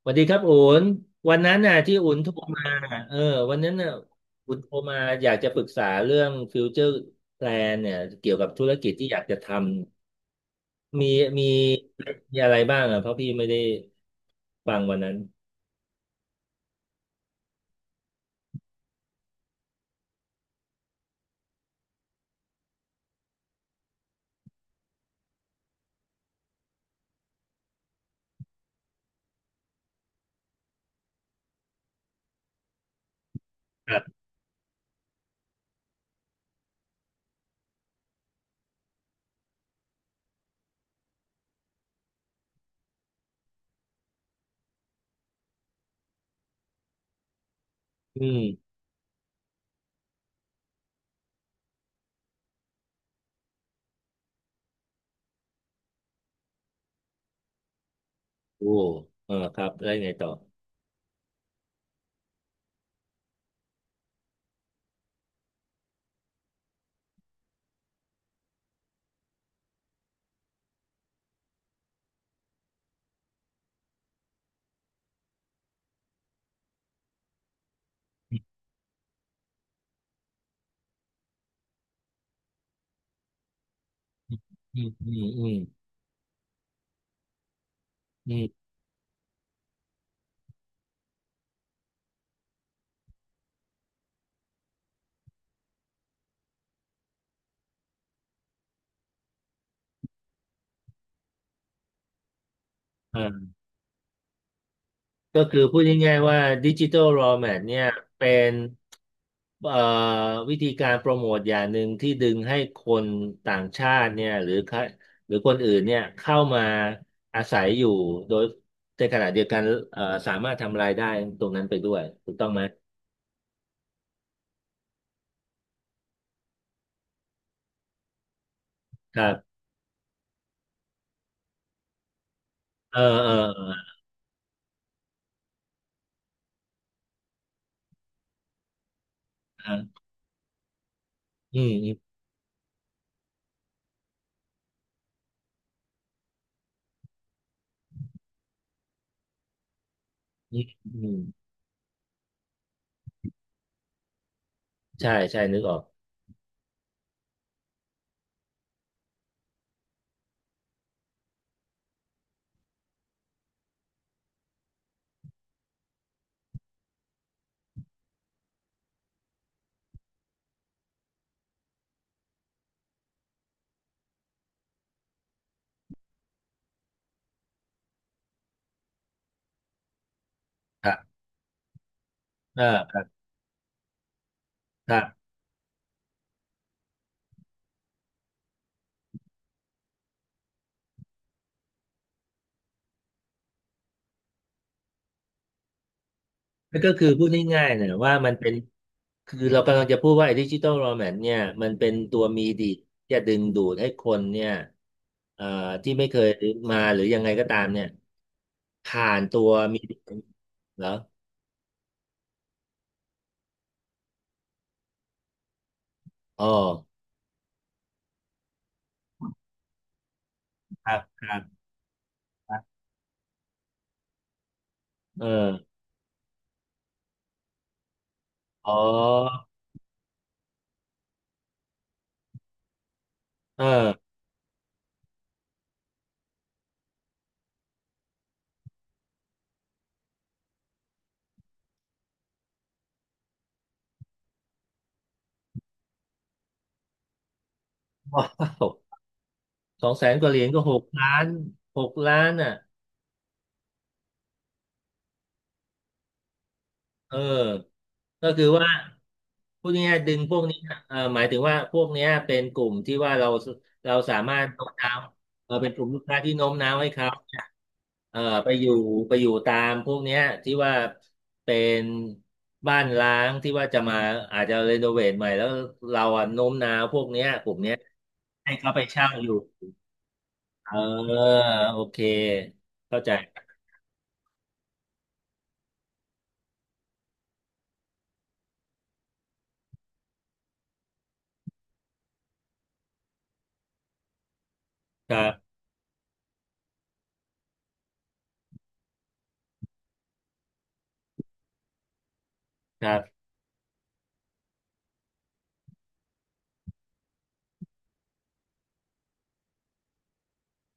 สวัสดีครับอุ่นวันนั้นน่ะที่อุ่นโทรมาเออวันนั้นน่ะอุ่นโทรมาอยากจะปรึกษาเรื่องฟิวเจอร์แพลนเนี่ยเกี่ยวกับธุรกิจที่อยากจะทำมีมีอะไรบ้างอ่ะเพราะพี่ไม่ได้ฟังวันนั้นครับอืมโอ้เออครับแล้วงไงต่ออืมอืมอืมอืมอมอ่า ก็คือพูดง่ายๆว่าดิจิ t a ล raw mat เนี่ยเป็นเอ่อวิธีการโปรโมทอย่างหนึ่งที่ดึงให้คนต่างชาติเนี่ยหรือคนอื่นเนี่ยเข้ามาอาศัยอยู่โดยในขณะเดียวกันสามารถทำรายได้ตรงนั้นไปด้วยถูกต้องไหมครับเออเออเอออ่ะอืมอืมอืมอืมใช่ใช่นึกออกครับเออครับครับ นั่นก็คือพูดง่ายๆนะว่ามันเป็นคือเรากำลังจะพูดว่าไอ้ดิจิตอลโรแมนเนี่ยมันเป็นตัวมีดี่จะดึงดูดให้คนเนี่ยเอ่อที่ไม่เคยมาหรือยังไงก็ตามเนี่ยผ่านตัวมีดีเหรออ๋อครับครับครับเอออ๋อเออ ว้าวสองแสนกว่าเหรียญก็หกล้านหกล้านอ่ะเออ ก็คือว่าพูดง่ายๆดึงพวกนี้นะหมายถึงว่าพวกเนี้ยเป็นกลุ่มที่ว่าเราสามารถโน้มน้าวเออเป็นกลุ่มลูกค้าที่โน้มน้าวให้เขาเนี่ยเอ่อไปอยู่ไปอยู่ตามพวกเนี้ยที่ว่าเป็นบ้านร้างที่ว่าจะมาอาจจะรีโนเวทใหม่แล้วเราอะโน้มน้าวพวกเนี้ยกลุ่มเนี้ยให้เขาไปเช่าอยู่เออโอเคเข้าใจครับครับ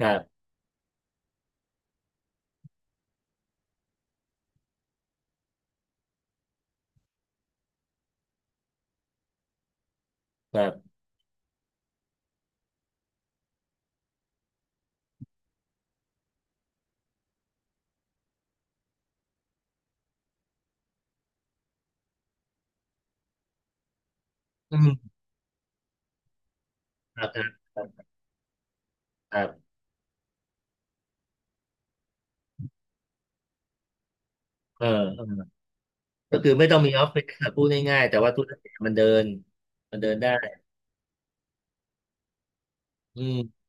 ครับครับอืมครับครับครับครับเออ ก็คือไม่ต้องมีออฟฟิศอะพูดง่ายๆแต่ว่าธุรกิจมันเดินได้อืม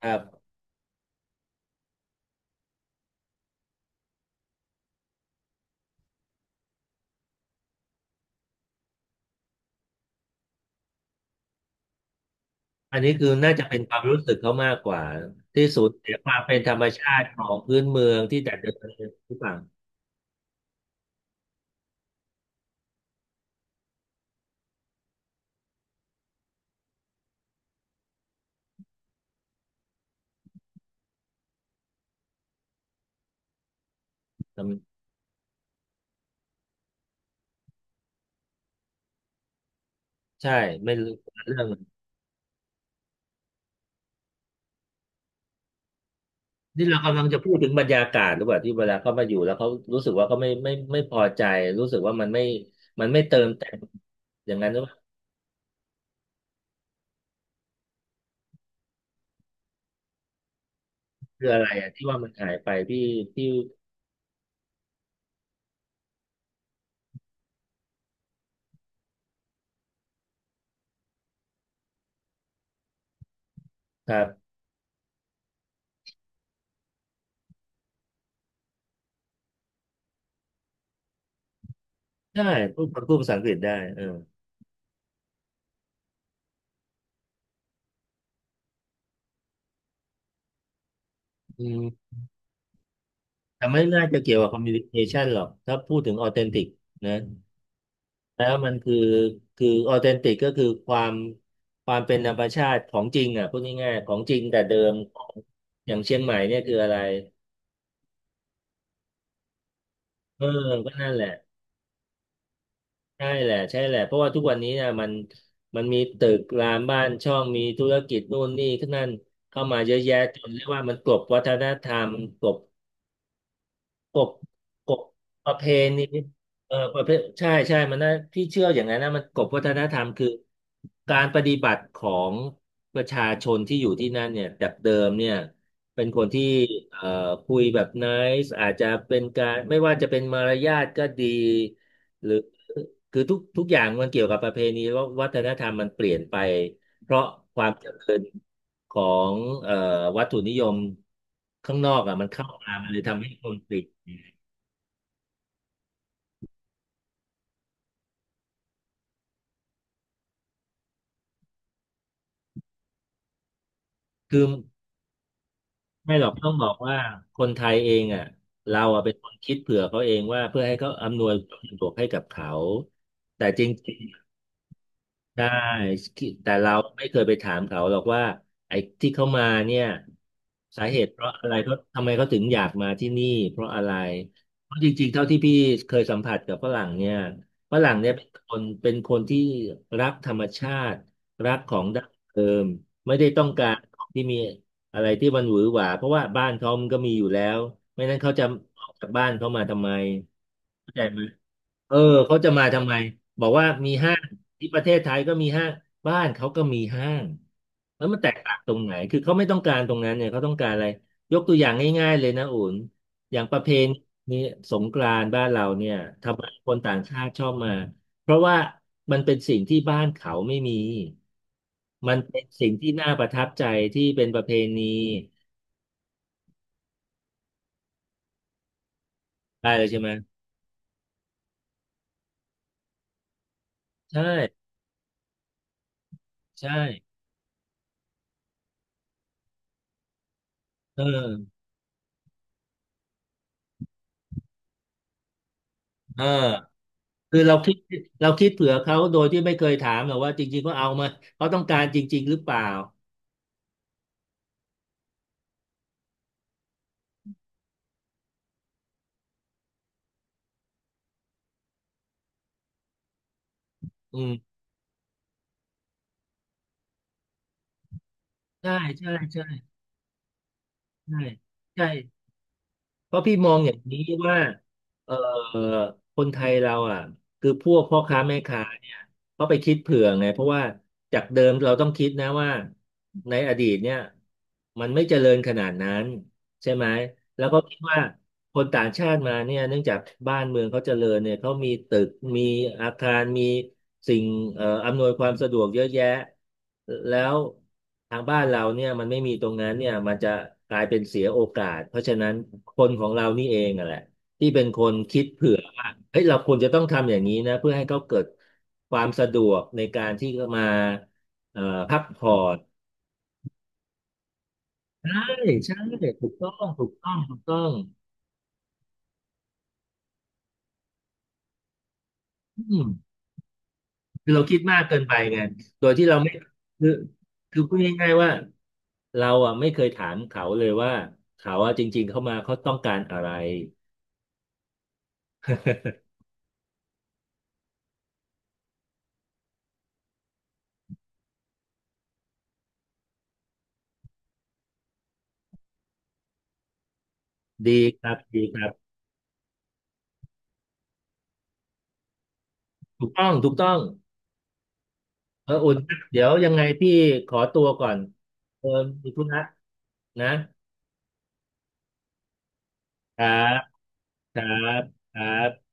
ครับอันนี้คือน่าจะเป็นความรู้สึกเขามากกว่าที่สูญเสียความเป็นธรรมชาติของพื้นเมืองที่แต่เดิมหรือเปล่าจำใช่ไม่รู้เรื่องนี่เรากำลังจะพูดถึงบรรยากาศหรือเปล่าที่เวลาเขามาอยู่แล้วเขารู้สึกว่าเขาไม่พอใจรู้สึกว่ามันไม่เติมแต่งอย่างนั้นหรือว่าคืออะไรอ่ะที่ว่ามันหายไปพี่ครับใช่พูดภาษาอังกฤษได้เอออืม แต่ไม่น่าจะเกี่ยวกับคอมมิวนิเคชันหรอกถ้าพูดถึงออเทนติกนะแล้วมันคือออเทนติกก็คือความเป็นธรรมชาติของจริงอ่ะพูดง่ายๆของจริงแต่เดิมของอย่างเชียงใหม่เนี่ยคืออะไรเออก็นั่นแหละใช่แหละใช่แหละเพราะว่าทุกวันนี้นะมันมีตึกรามบ้านช่องมีธุรกิจนู่นนี่ขึ้นนั่นเข้ามาเยอะแยะจนเรียกว่ามันกลบวัฒนธรรมกลบ กบกบประเพณีเออประเพใช่ใช่มันนะพี่เชื่ออย่างนั้นนะมันกบวัฒนธรรมคือการปฏิบัติของประชาชนที่อยู่ที่นั่นเนี่ยจากเดิมเนี่ยเป็นคนที่เอ่อคุยแบบไนซ์อาจจะเป็นการไม่ว่าจะเป็นมารยาทก็ดีหรือคือทุกอย่างมันเกี่ยวกับประเพณีว่าวัฒนธรรมมันเปลี่ยนไปเพราะความเจริญของเอ่อวัตถุนิยมข้างนอกอ่ะมันเข้ามามันเลยทำให้คนติด คือไม่หรอกต้องบอกว่าคนไทยเองอ่ะเราอ่ะเป็นคนคิดเผื่อเขาเองว่าเพื่อให้เขาอำนวยความสะดวกให้กับเขาแต่จริง ได้คิดแต่เราไม่เคยไปถามเขาหรอกว่าไอ้ที่เขามาเนี่ยสาเหตุเพราะอะไรเขาทำไมเขาถึงอยากมาที่นี่เพราะอะไรเพราะจริงๆเท่าที่พี่เคยสัมผัสกับฝรั่งเนี่ยเป็นคนที่รักธรรมชาติรักของดั้งเดิมไม่ได้ต้องการของที่มีอะไรที่มันหวือหวาเพราะว่าบ้านเขามันก็มีอยู่แล้วไม่นั้นเขาจะออกจากบ้านเขามาทำไมเข้าใจไหม เออเขาจะมาทำไมบอกว่ามีห้างที่ประเทศไทยก็มีห้างบ้านเขาก็มีห้างแล้วมันแตกต่างตรงไหนคือเขาไม่ต้องการตรงนั้นเนี่ยเขาต้องการอะไรยกตัวอย่างง่ายๆเลยนะอุ่นอย่างประเพณีสงกรานต์บ้านเราเนี่ยทำไมคนต่างชาติชอบมาเพราะว่ามันเป็นสิ่งที่บ้านเขาไม่มีมันเป็นสิ่งที่น่าประทับใจที่เป็นประเพณีได้เลยใช่ไหมใช่ใช่เออเออ คือเราคิดเผื่อเขาโดยที่ไม่เคยถามหรอกว่าจริงๆเขาเอามาเขาต้องการจริงๆหรือเปล่าอืมใช่ใช่ใช่ใช่ใช่เพราะพี่มองอย่างนี้ว่าเอ่อคนไทยเราอ่ะคือพวกพ่อค้าแม่ค้าเนี่ยเขาไปคิดเผื่อไงเพราะว่าจากเดิมเราต้องคิดนะว่าในอดีตเนี่ยมันไม่เจริญขนาดนั้น ใช่ไหมแล้วก็คิดว่าคนต่างชาติมาเนี่ยเนื่องจากบ้านเมืองเขาเจริญเนี่ยเขามีตึกมีอาคารมีสิ่งอำนวยความสะดวกเยอะแยะแล้วทางบ้านเราเนี่ยมันไม่มีตรงนั้นเนี่ยมันจะกลายเป็นเสียโอกาส เพราะฉะนั้นคนของเรานี่เองอะแหละที่เป็นคนคิดเผื่อว่าเฮ้ยเราควรจะต้องทำอย่างนี้นะเพื่อให้เขาเกิดความสะดวกในการที่จะมาเอ่อพักผ่อนใช่ใช่ถูกต้องถูกต้องถูกต้องอืม คือเราคิดมากเกินไปไงโดยที่เราไม่คือคือพูดง่ายๆว่าเราอ่ะไม่เคยถามเขาเลยว่าเขาอ่ะจริงๆเข้ามาเขาต้องการอะไร ดีครับดีครับถูกต้องถูกต้องเอออุ่นเดี๋ยวยังไงพี่ขอตัวก่อนเออมีธุระนะครับครับครับ